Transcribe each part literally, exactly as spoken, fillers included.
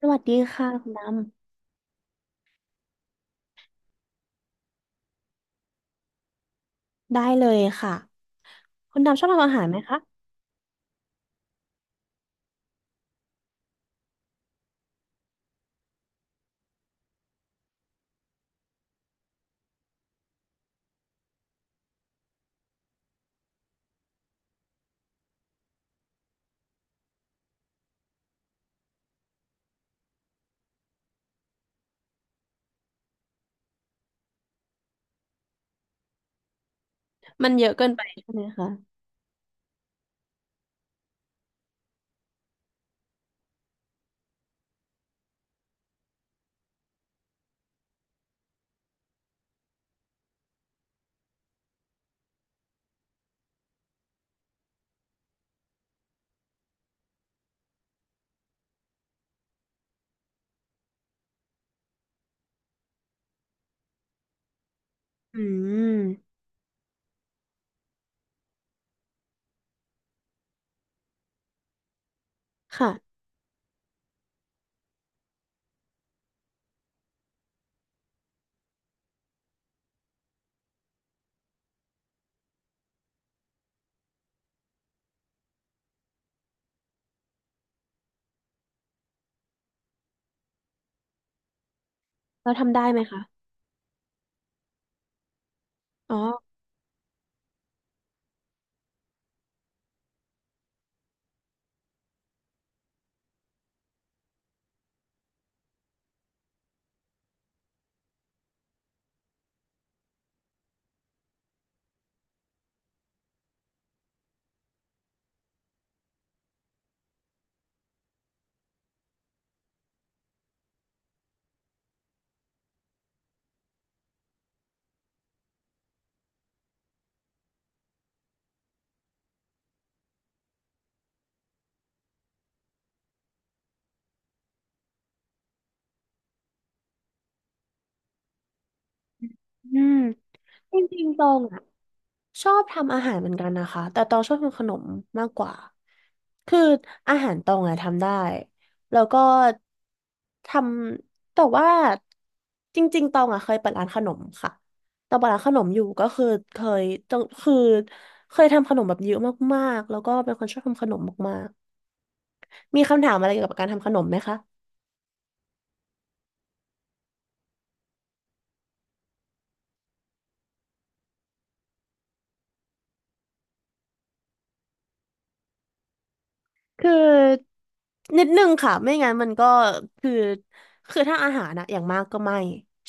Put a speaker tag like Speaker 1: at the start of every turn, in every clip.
Speaker 1: สวัสดีค่ะคุณดำได้เลยค่ะคุณดำชอบทำอาหารไหมคะมันเยอะเกินไปใช่ไหมคะอืมค่ะเราทำได้ไหมคะอ๋ออืมจริงๆตรงอ่ะ ชอบทำอาหารเหมือนกันนะคะแต่ตองชอบทำขนมมากกว่าคืออาหารตองอะทำได้แล้วก็ทำแต่ว่าจริงๆตองอะเคยเปิดร้านขนมค่ะตองเปิดร้านขนมอยู่ก็คือเคยตองคือเคยทำขนมแบบเยอะมากๆแล้วก็เป็นคนชอบทำขนมมากๆมีคำถามอะไรเกี่ยวกับการทำขนมไหมคะ คือนิดนึงค่ะไม่งั้นมันก็คือคือถ้าอาหารอะอย่างมากก็ไม่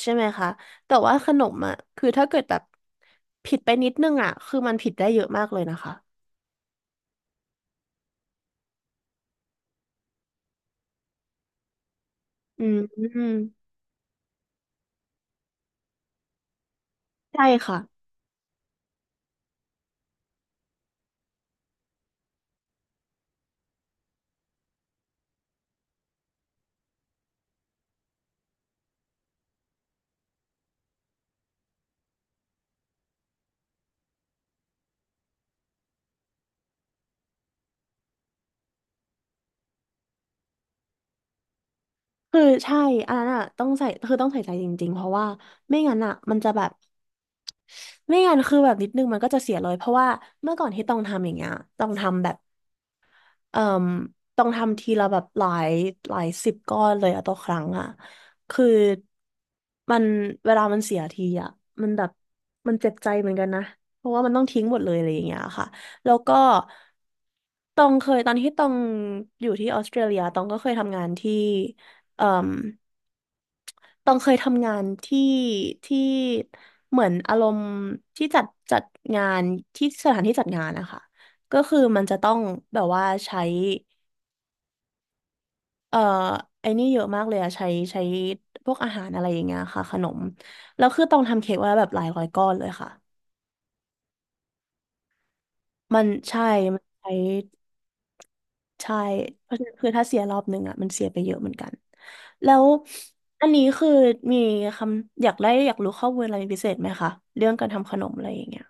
Speaker 1: ใช่ไหมคะแต่ว่าขนมอะคือถ้าเกิดแบบผิดไปนิดนึงอะคือมันผิดได้เยอะมากเลยนะคะอืมอืมใช่ค่ะคือใช่อันนั้นอะต้องใส่คือต้องใส่ใจจริงๆเพราะว่าไม่งั้นอะมันจะแบบไม่งั้นคือแบบนิดนึงมันก็จะเสียเลยเพราะว่าเมื่อก่อนที่ต้องทำอย่างเงี้ยต้องทำแบบ เอ่มต้องทำทีละแบบหลายหลายสิบก้อนเลยอะต่อครั้งอะคือมันเวลามันเสียทีอะมันแบบมันเจ็บใจเหมือนกันนะเพราะว่ามันต้องทิ้งหมดเลยอะไรอย่างเงี้ยค่ะแล้วก็ตองเคยตอนที่ตองอยู่ที่ออสเตรเลียตองก็เคยทำงานที่เอ่มตองเคยทำงานที่ที่เหมือนอารมณ์ที่จัดจัดงานที่สถานที่จัดงานนะคะก็คือมันจะต้องแบบว่าใช้ เอ่อไอ้นี่เยอะมากเลยอะใช้ใช้พวกอาหารอะไรอย่างเงี้ยค่ะขนมแล้วคือต้องทำเค้กไวาแบบหลายร้อยก้อนเลยค่ะมันใช่มันใช้ใช่เพราะฉะนั้นคือถ้าเสียรอบหนึ่งอะมันเสียไปเยอะเหมือนกันแล้วอันนี้คือมีคำอยากได้อยากรู้ข้อมูลอะไรพิเศษไหมคะเรื่องการทำขนมอะไรอย่างเงี้ย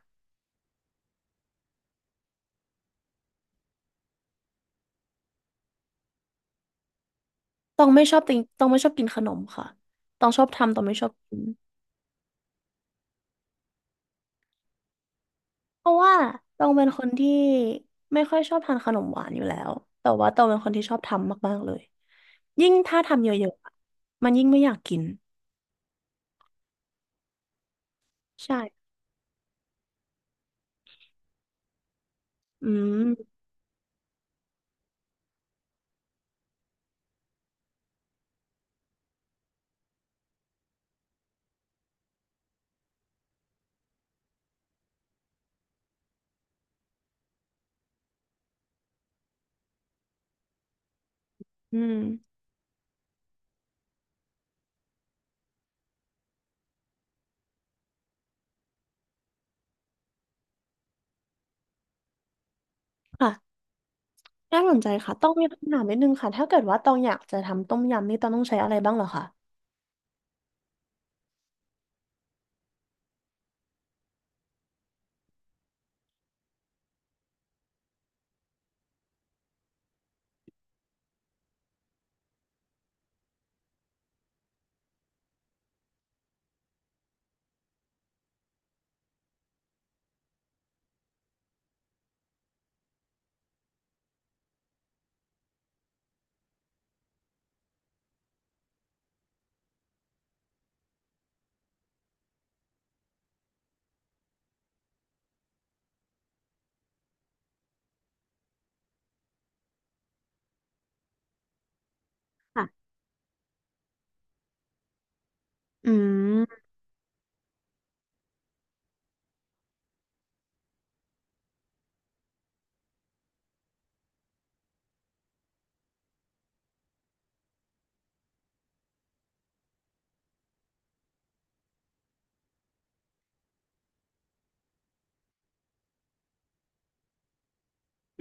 Speaker 1: ต้องไม่ชอบติงต้องไม่ชอบกินขนมค่ะต้องชอบทำต้องไม่ชอบกิน เพราะว่าตองเป็นคนที่ไม่ค่อยชอบทานขนมหวานอยู่แล้วแต่ว่าตองเป็นคนที่ชอบทำมากๆเลยยิ่งถ้าทำเยอะๆอะมันยิ่งไม่อยากกินใช่อืมอืมค่ะน่าสนใจค่ะต้องมีคำถามนิดนึงค่ะถ้าเกิดว่าตองอยากจะทำต้มยำนี่ตองต้องใช้อะไรบ้างเหรอคะค่ะอืม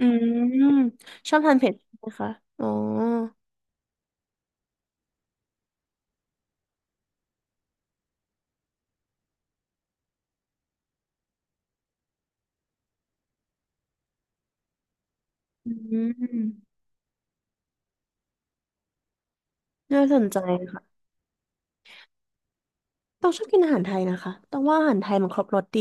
Speaker 1: อืมชอบทานเผ็ดใช่ไหมคะอ๋ออืมน่าสนใจค่ะต้องชอบกินอาหารไทยนะคะต้องว่าอาหารไทยมันครบรสดี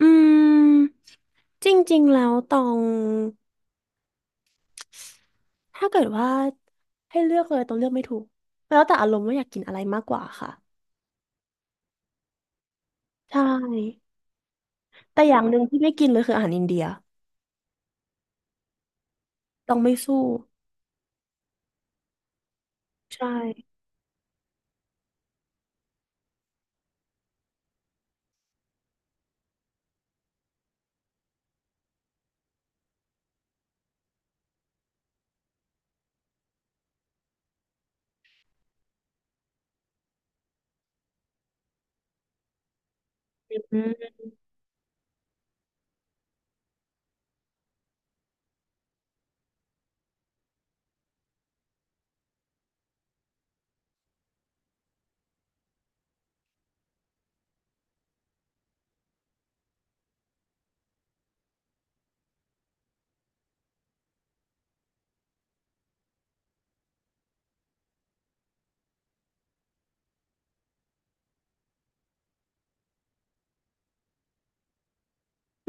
Speaker 1: อืมจริงๆแล้วตองถ้าเกิดว่าให้เลือกเลยตองเลือกไม่ถูกแล้วแต่อารมณ์ว่าอยากกินอะไรมากกว่าค่ะใช่แต่อย่างหนึ่งที่ไม่กินเลยคืออาหารอินเดียตองไม่สู้ใช่อืม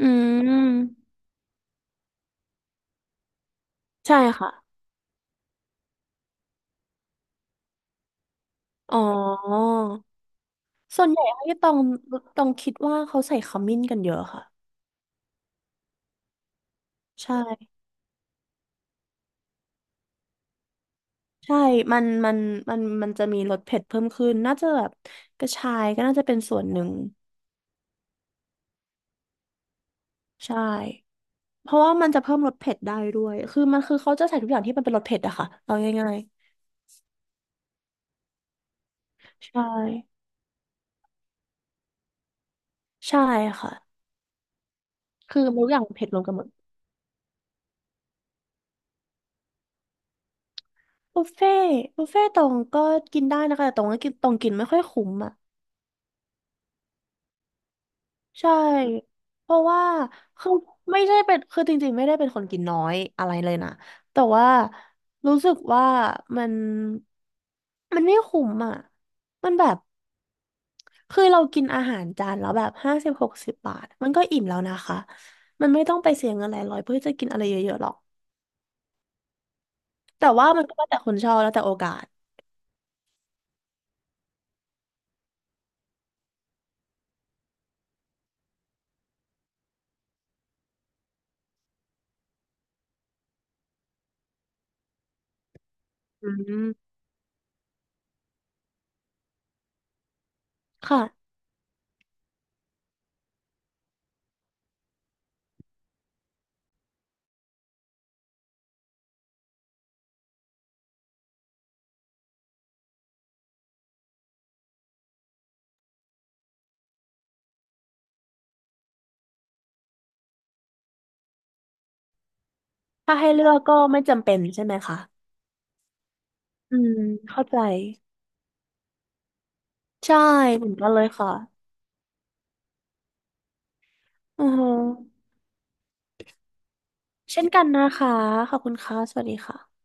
Speaker 1: อืมใช่ค่ะอ๋อส่วนใหญ่ที่ตองตองคิดว่าเขาใส่ขมิ้นกันเยอะค่ะใช่ใช่มันมันมันมันจะมีรสเผ็ดเพิ่มขึ้นน่าจะแบบกระชายก็น่าจะเป็นส่วนหนึ่งใช่ เพราะว่ามันจะเพิ่มรสเผ็ดได้ด้วยคือมันคือเขาจะใส่ทุกอย่างที่มันเป็นรสเผ็ดอะค่ะเอาง่ายๆใช่ใช่ค่ะคือมันทุกอย่างเผ็ดรวมกันหมดบุฟเฟ่บุฟเฟ่ตอตรงก็กินได้นะคะแต่ตรงก็กินตรงกินไม่ค่อยคุ้มอ่ะใช่เพราะว่าคือไม่ได้เป็นคือจริงๆไม่ได้เป็นคนกินน้อยอะไรเลยนะแต่ว่ารู้สึกว่ามันมันไม่คุ้มอ่ะมันแบบ คือเรากินอาหารจานแล้วแบบห้าสิบหกสิบบาทมันก็อิ่มแล้วนะคะมันไม่ต้องไปเสียเงินหลายร้อยเพื่อจะกินอะไรเยอะๆหรอกแต่ว่ามันก็แล้วแต่คนชอบแล้วแต่โอกาสอืมค่ะถ้าให้เลือกก็ไม่จำเป็นใช่ไหมคะอืมเข้าใจใช่เหมือนกันเลยค่ะอือฮึเช่นกันนะคะขอบคุณค่ะสวัสดีค่ะ